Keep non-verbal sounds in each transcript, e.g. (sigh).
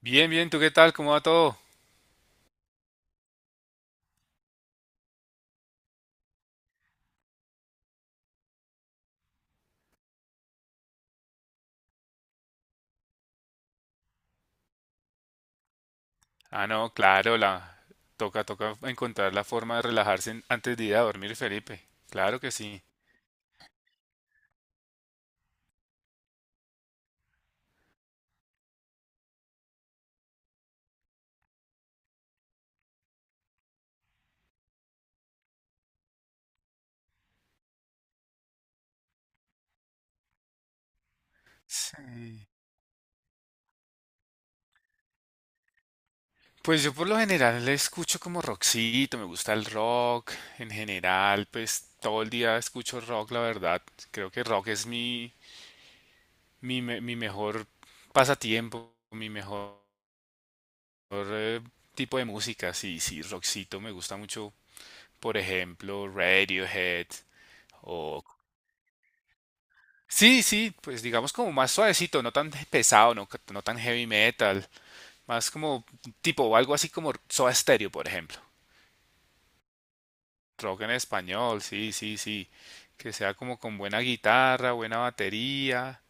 Bien, bien, ¿tú qué tal? ¿Cómo va todo? Ah, no, claro, la toca encontrar la forma de relajarse antes de ir a dormir, Felipe. Claro que sí. Sí. Pues yo por lo general le escucho como rockcito, me gusta el rock. En general, pues todo el día escucho rock, la verdad. Creo que rock es mi mejor pasatiempo, mi mejor eh, tipo de música. Sí, sí, rockcito me gusta mucho. Por ejemplo, Radiohead o Sí, sí, pues digamos como más suavecito, no tan pesado, no tan heavy metal, más como tipo algo así como Soda Stereo, por ejemplo. Rock en español, sí, sí, sí. Que sea como con buena guitarra, buena batería,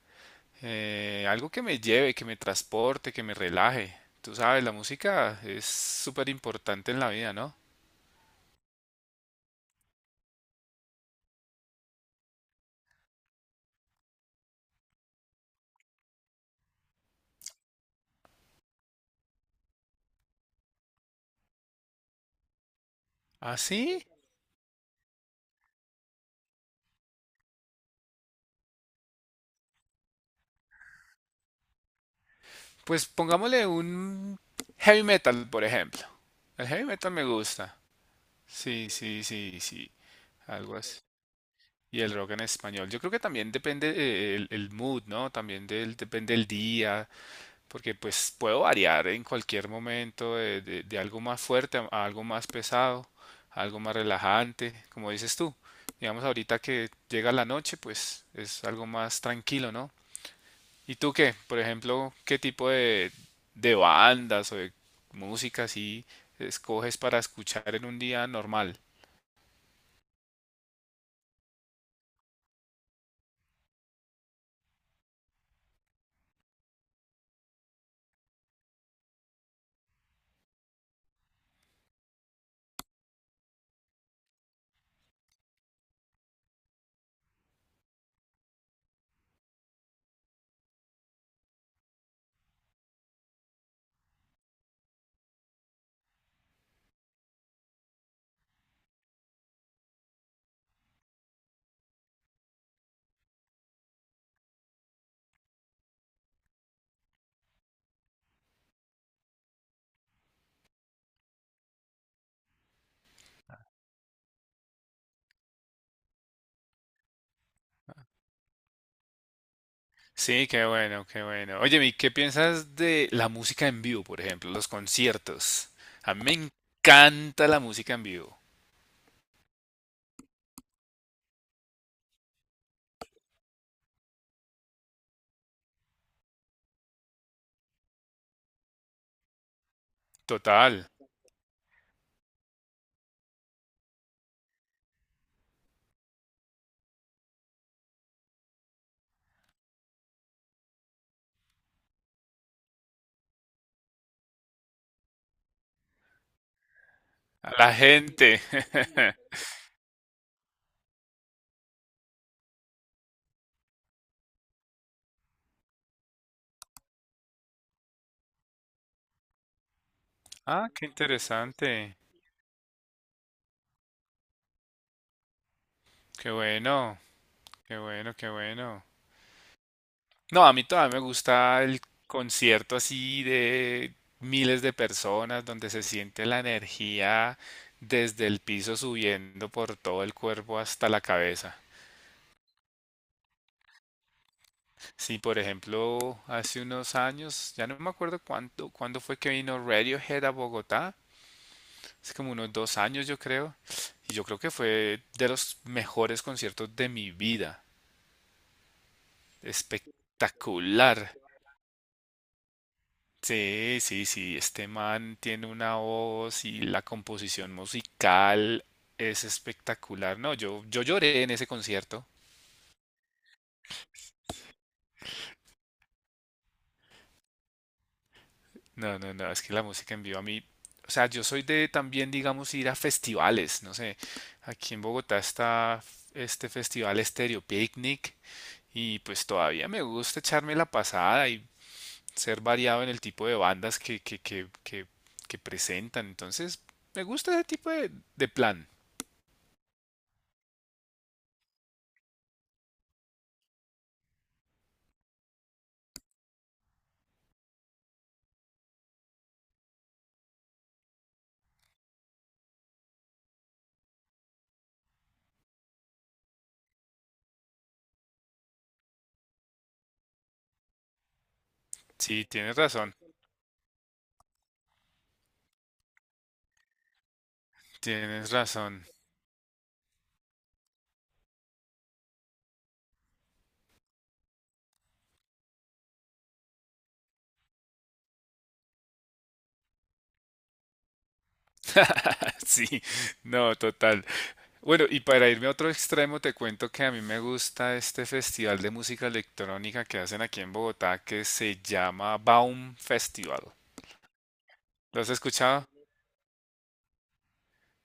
algo que me lleve, que me transporte, que me relaje. Tú sabes, la música es súper importante en la vida, ¿no? Así, pues pongámosle un heavy metal, por ejemplo. El heavy metal me gusta. Sí, sí, sí, sí. Algo así. Y el rock en español. Yo creo que también depende el mood, ¿no? También depende el día, porque pues puedo variar en cualquier momento de algo más fuerte a algo más pesado, a algo más relajante, como dices tú. Digamos ahorita que llega la noche, pues es algo más tranquilo, ¿no? ¿Y tú qué? Por ejemplo, ¿qué de bandas o de música así escoges para escuchar en un día normal? Sí, qué bueno, qué bueno. Oye, ¿y qué piensas de la música en vivo, por ejemplo, los conciertos? A mí me encanta la música en vivo. Total. A la gente. (laughs) Ah, qué interesante. Qué bueno, qué bueno, qué bueno. No, a mí todavía me gusta el concierto así de miles de personas donde se siente la energía desde el piso subiendo por todo el cuerpo hasta la cabeza. Sí, por ejemplo, hace unos años, ya no me acuerdo cuánto, cuándo fue que vino Radiohead a Bogotá, hace como unos dos años yo creo, y yo creo que fue de los mejores conciertos de mi vida, espectacular. Sí, sí, sí, este man tiene una voz y la composición musical es espectacular. No, yo lloré en ese concierto. No, no, no, es que la música en vivo a mí, o sea, yo soy de también, digamos, ir a festivales, no sé, aquí en Bogotá está este festival Stereo Picnic y pues todavía me gusta echarme la pasada y ser variado en el tipo de bandas que presentan, entonces me gusta ese tipo de plan. Sí, tienes razón, tienes razón. (laughs) Sí, no, total. Bueno, y para irme a otro extremo, te cuento que a mí me gusta este festival de música electrónica que hacen aquí en Bogotá que se llama Baum Festival. ¿Lo has escuchado?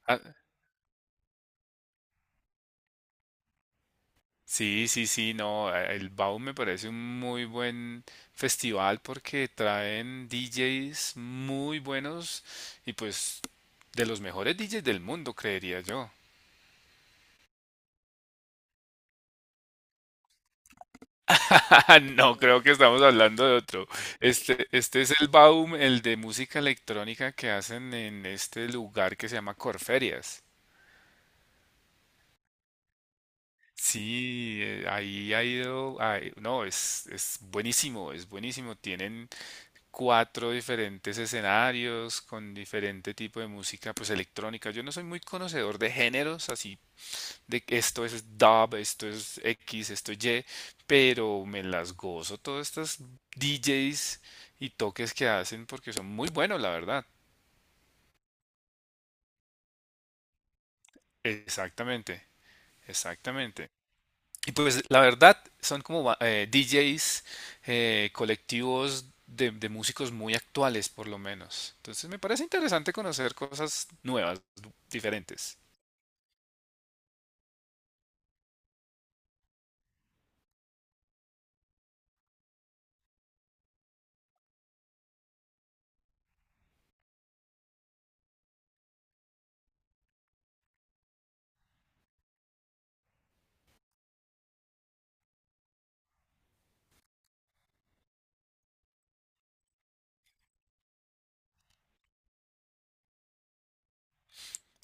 Ah, sí, sí, sí, no, el Baum me parece un muy buen festival porque traen DJs muy buenos y pues de los mejores DJs del mundo, creería yo. (laughs) No, creo que estamos hablando de otro. Este es el Baum, el de música electrónica que hacen en este lugar que se llama Corferias. Sí, ahí ha ido, ay, no, es buenísimo, es buenísimo. Tienen cuatro diferentes escenarios con diferente tipo de música, pues electrónica. Yo no soy muy conocedor de géneros así de que esto es dub, esto es X, esto es Y, pero me las gozo todas estas DJs y toques que hacen porque son muy buenos, la verdad. Exactamente, exactamente. Y pues la verdad son como DJs colectivos de músicos muy actuales, por lo menos. Entonces me parece interesante conocer cosas nuevas, diferentes.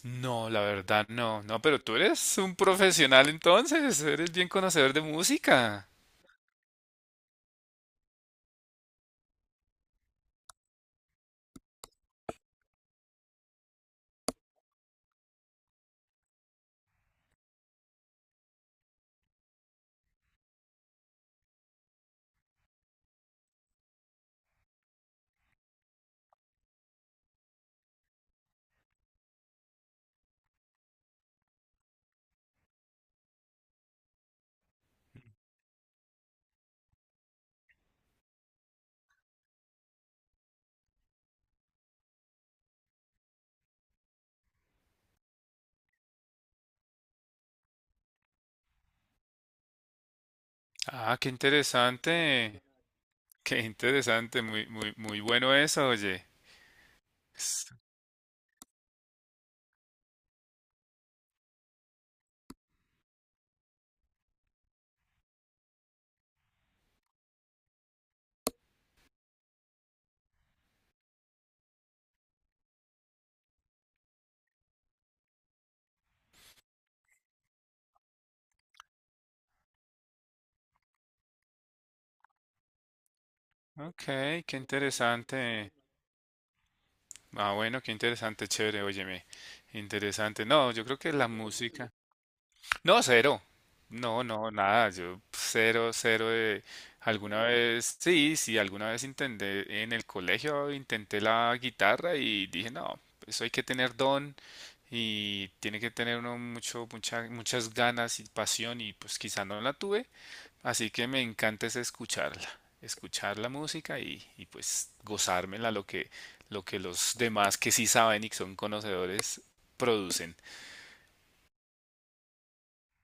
No, la verdad no, no, pero tú eres un profesional entonces, eres bien conocedor de música. Ah, qué interesante, muy, muy, muy bueno eso, oye. S- Ok, qué interesante. Ah, bueno, qué interesante, chévere, óyeme. Interesante. No, yo creo que la música. No, cero. No, no, nada. Yo cero, cero de... Alguna vez, sí, sí, alguna vez intenté en el colegio, intenté la guitarra y dije, no, eso hay que tener don y tiene que tener uno mucho, muchas ganas y pasión y pues quizá no la tuve. Así que me encanta es escucharla, escuchar la música y pues gozármela lo que los demás que sí saben y que son conocedores producen.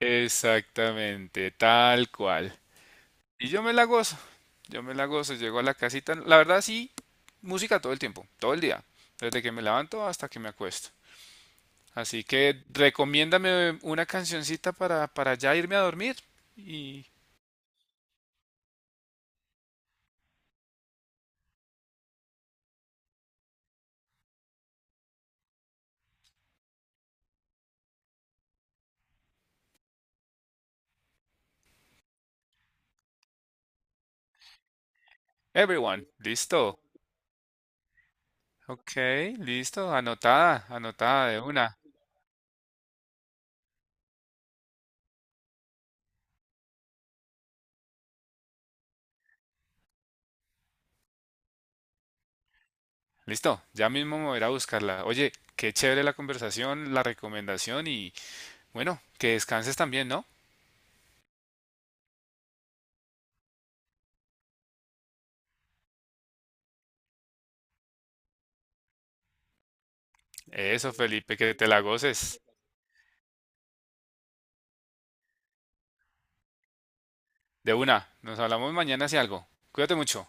Exactamente, tal cual. Y yo me la gozo, yo me la gozo, llego a la casita, la verdad sí, música todo el tiempo, todo el día, desde que me levanto hasta que me acuesto. Así que recomiéndame una cancioncita para ya irme a dormir. Y... Everyone, listo. Ok, listo, anotada, anotada de una. Listo, ya mismo me voy a ir a buscarla. Oye, qué chévere la conversación, la recomendación y bueno, que descanses también, ¿no? Eso, Felipe, que te la goces. De una, nos hablamos mañana si algo. Cuídate mucho.